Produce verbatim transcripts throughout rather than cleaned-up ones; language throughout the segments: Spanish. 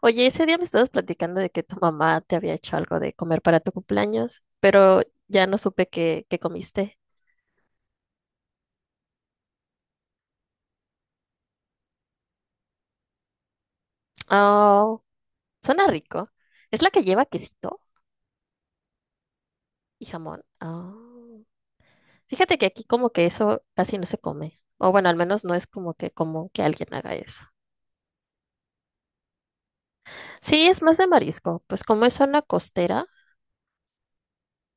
Oye, ese día me estabas platicando de que tu mamá te había hecho algo de comer para tu cumpleaños, pero ya no supe qué, qué comiste. Oh, suena rico. ¿Es la que lleva quesito y jamón? Oh. Fíjate que aquí como que eso casi no se come. O bueno, al menos no es como que común que alguien haga eso. Sí, es más de marisco. Pues como es zona costera,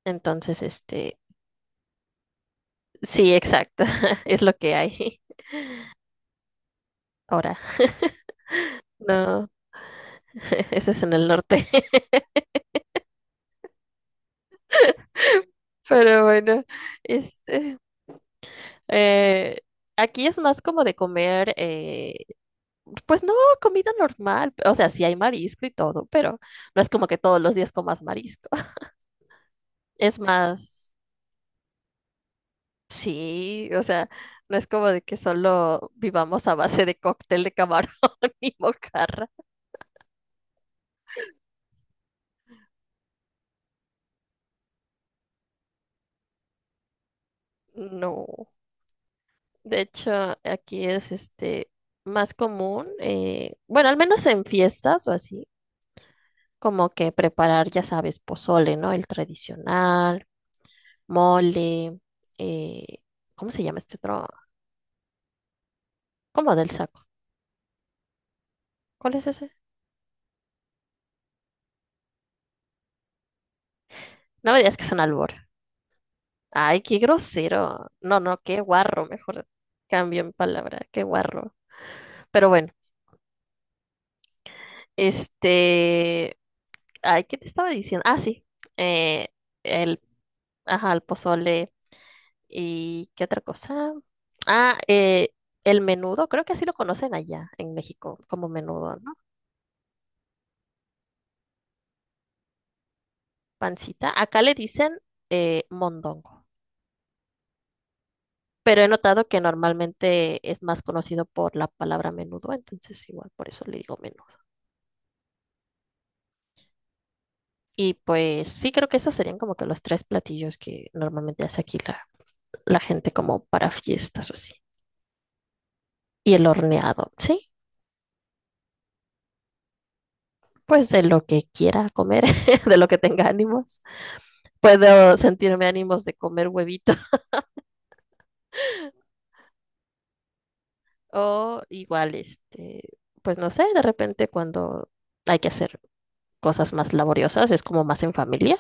entonces este, sí, exacto, es lo que hay ahora. No, eso es en el norte. Pero bueno, este, Eh, aquí es más como de comer, eh, pues no, comida normal. O sea, sí hay marisco y todo, pero no es como que todos los días comas marisco. Es más, sí, o sea, no es como de que solo vivamos a base de cóctel de camarón y mojarra. No. De hecho, aquí es este más común, eh, bueno, al menos en fiestas o así, como que preparar, ya sabes, pozole, ¿no? El tradicional mole, eh, ¿cómo se llama este otro? ¿Cómo del saco? ¿Cuál es ese? No me digas que es un albur. Ay, qué grosero. No, no, qué guarro, mejor cambio en palabra, qué guarro. Pero bueno, este, ay, ¿qué te estaba diciendo? Ah, sí, eh, el, ajá, el pozole y qué otra cosa. Ah, eh, el menudo, creo que así lo conocen allá en México como menudo, ¿no? Pancita. Acá le dicen eh, mondongo. Pero he notado que normalmente es más conocido por la palabra menudo, entonces igual por eso le digo menudo. Y pues sí, creo que esos serían como que los tres platillos que normalmente hace aquí la, la gente como para fiestas o así. Y el horneado, sí, pues de lo que quiera comer, de lo que tenga ánimos. Puedo sentirme ánimos de comer huevito o igual, este, pues no sé, de repente cuando hay que hacer cosas más laboriosas, es como más en familia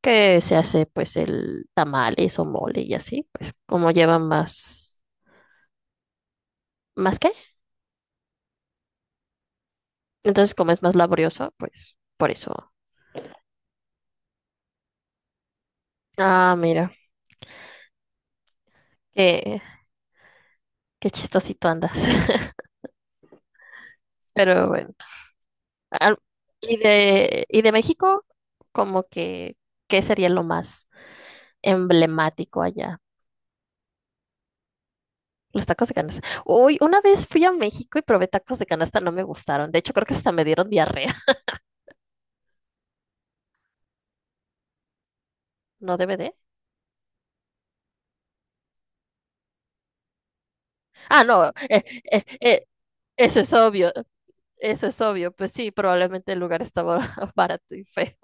que se hace pues el tamales o mole y así, pues como lleva más, ¿más qué? Entonces como es más laborioso, pues por eso. Ah, mira, qué, qué chistosito andas. Pero bueno, al- y de, y de México, como que, ¿qué sería lo más emblemático allá? Los tacos de canasta. Uy, una vez fui a México y probé tacos de canasta, no me gustaron. De hecho, creo que hasta me dieron diarrea. ¿No debe de? Ah, no, eh, eh, eh, eso es obvio. Eso es obvio, pues sí, probablemente el lugar estaba barato y feo.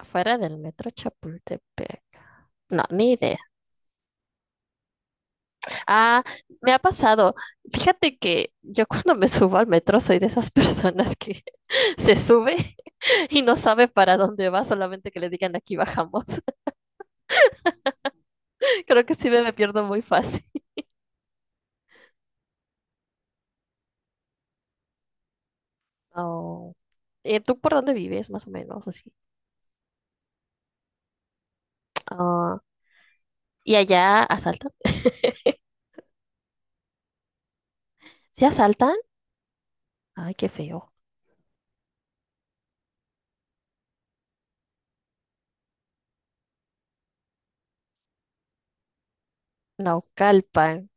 Afuera del metro Chapultepec. No, ni idea. Ah, me ha pasado. Fíjate que yo cuando me subo al metro soy de esas personas que se sube y no sabe para dónde va, solamente que le digan aquí bajamos. Creo que sí me, me pierdo muy fácil. Oh. ¿Y tú por dónde vives, más o menos? ¿O sí? Ah, ¿y allá asaltan? ¿Sí asaltan? Ay, qué feo. Naucalpan.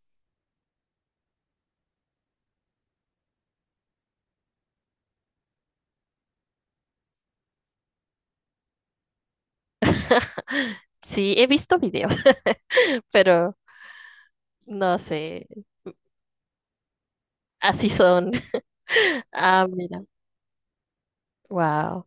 Sí, he visto videos, pero no sé, así son. Ah, mira, wow,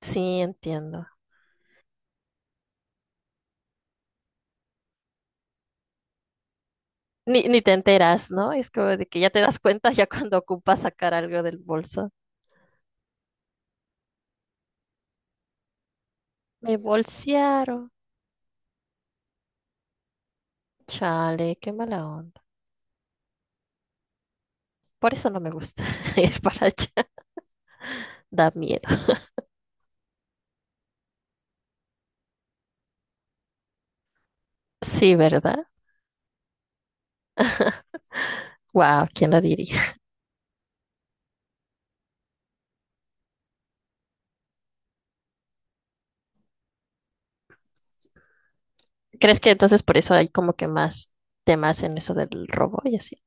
sí, entiendo. Ni, ni te enteras, ¿no? Es como de que ya te das cuenta ya cuando ocupas sacar algo del bolso. Me bolsearon. Chale, qué mala onda. Por eso no me gusta ir para allá. Da miedo. Sí, ¿verdad? Wow, ¿quién lo diría? ¿Crees que entonces por eso hay como que más temas en eso del robo y así?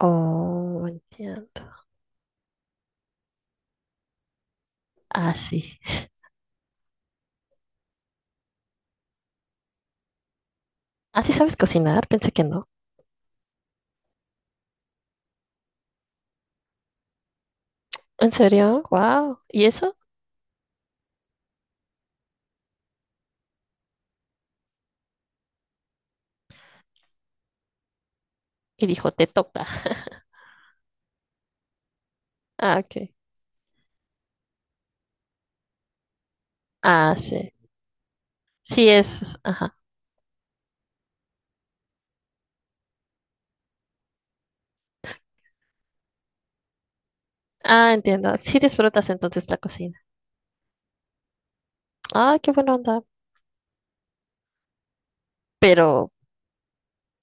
Oh, entiendo. Ah, sí. ¿Ah, sí sabes cocinar? Pensé que no. ¿En serio? ¡Wow! ¿Y eso? Y dijo, te toca. Ah, ok. Ah, sí. Sí, es. Ajá. Ah, entiendo. Sí disfrutas entonces la cocina. Ah, qué buena onda. Pero,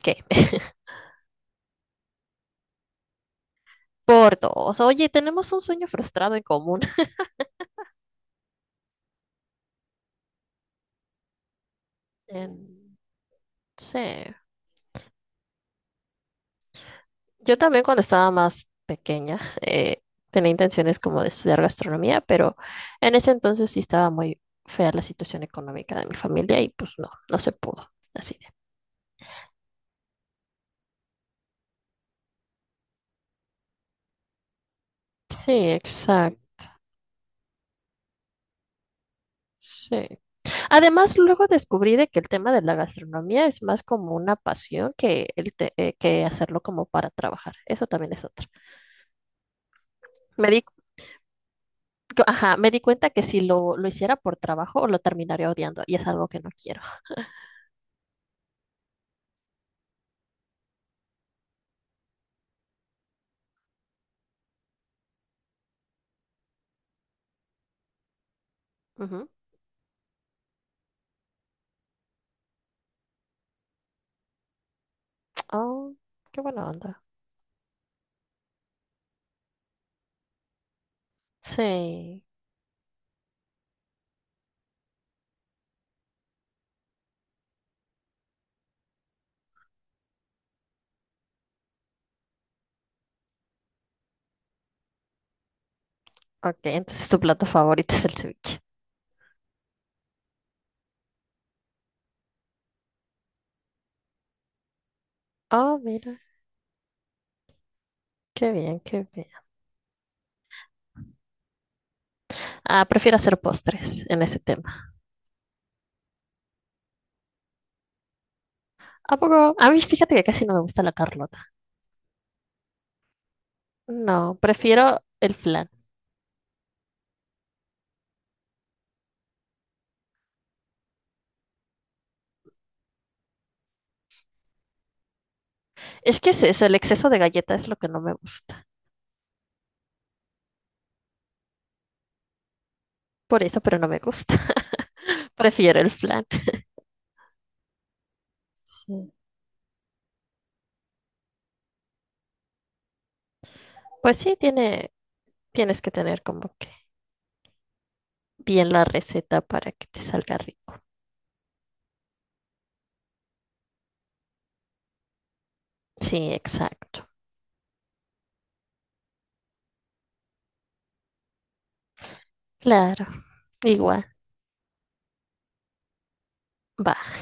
¿qué? Por dos. Oye, tenemos un sueño frustrado en común. En- Sí. Yo también cuando estaba más pequeña eh, tenía intenciones como de estudiar gastronomía, pero en ese entonces sí estaba muy fea la situación económica de mi familia y pues no, no se pudo. Así. Sí, exacto. Sí. Además, luego descubrí de que el tema de la gastronomía es más como una pasión que, el te- eh, que hacerlo como para trabajar. Eso también es otro. Me di, cu- ajá, me di cuenta que si lo, lo hiciera por trabajo, lo terminaría odiando y es algo que no quiero. Ujú. Oh, qué buena onda. Sí. Ok, entonces tu plato favorito es el ceviche. Oh, mira. Qué bien, qué bien. Ah, prefiero hacer postres en ese tema. ¿A poco? A mí, fíjate que casi no me gusta la Carlota. No, prefiero el flan. Es que es eso, el exceso de galleta es lo que no me gusta. Por eso, pero no me gusta. Prefiero el flan. Sí. Pues sí, tiene, tienes que tener como que bien la receta para que te salga rico. Sí, exacto. Claro. Igual. Va.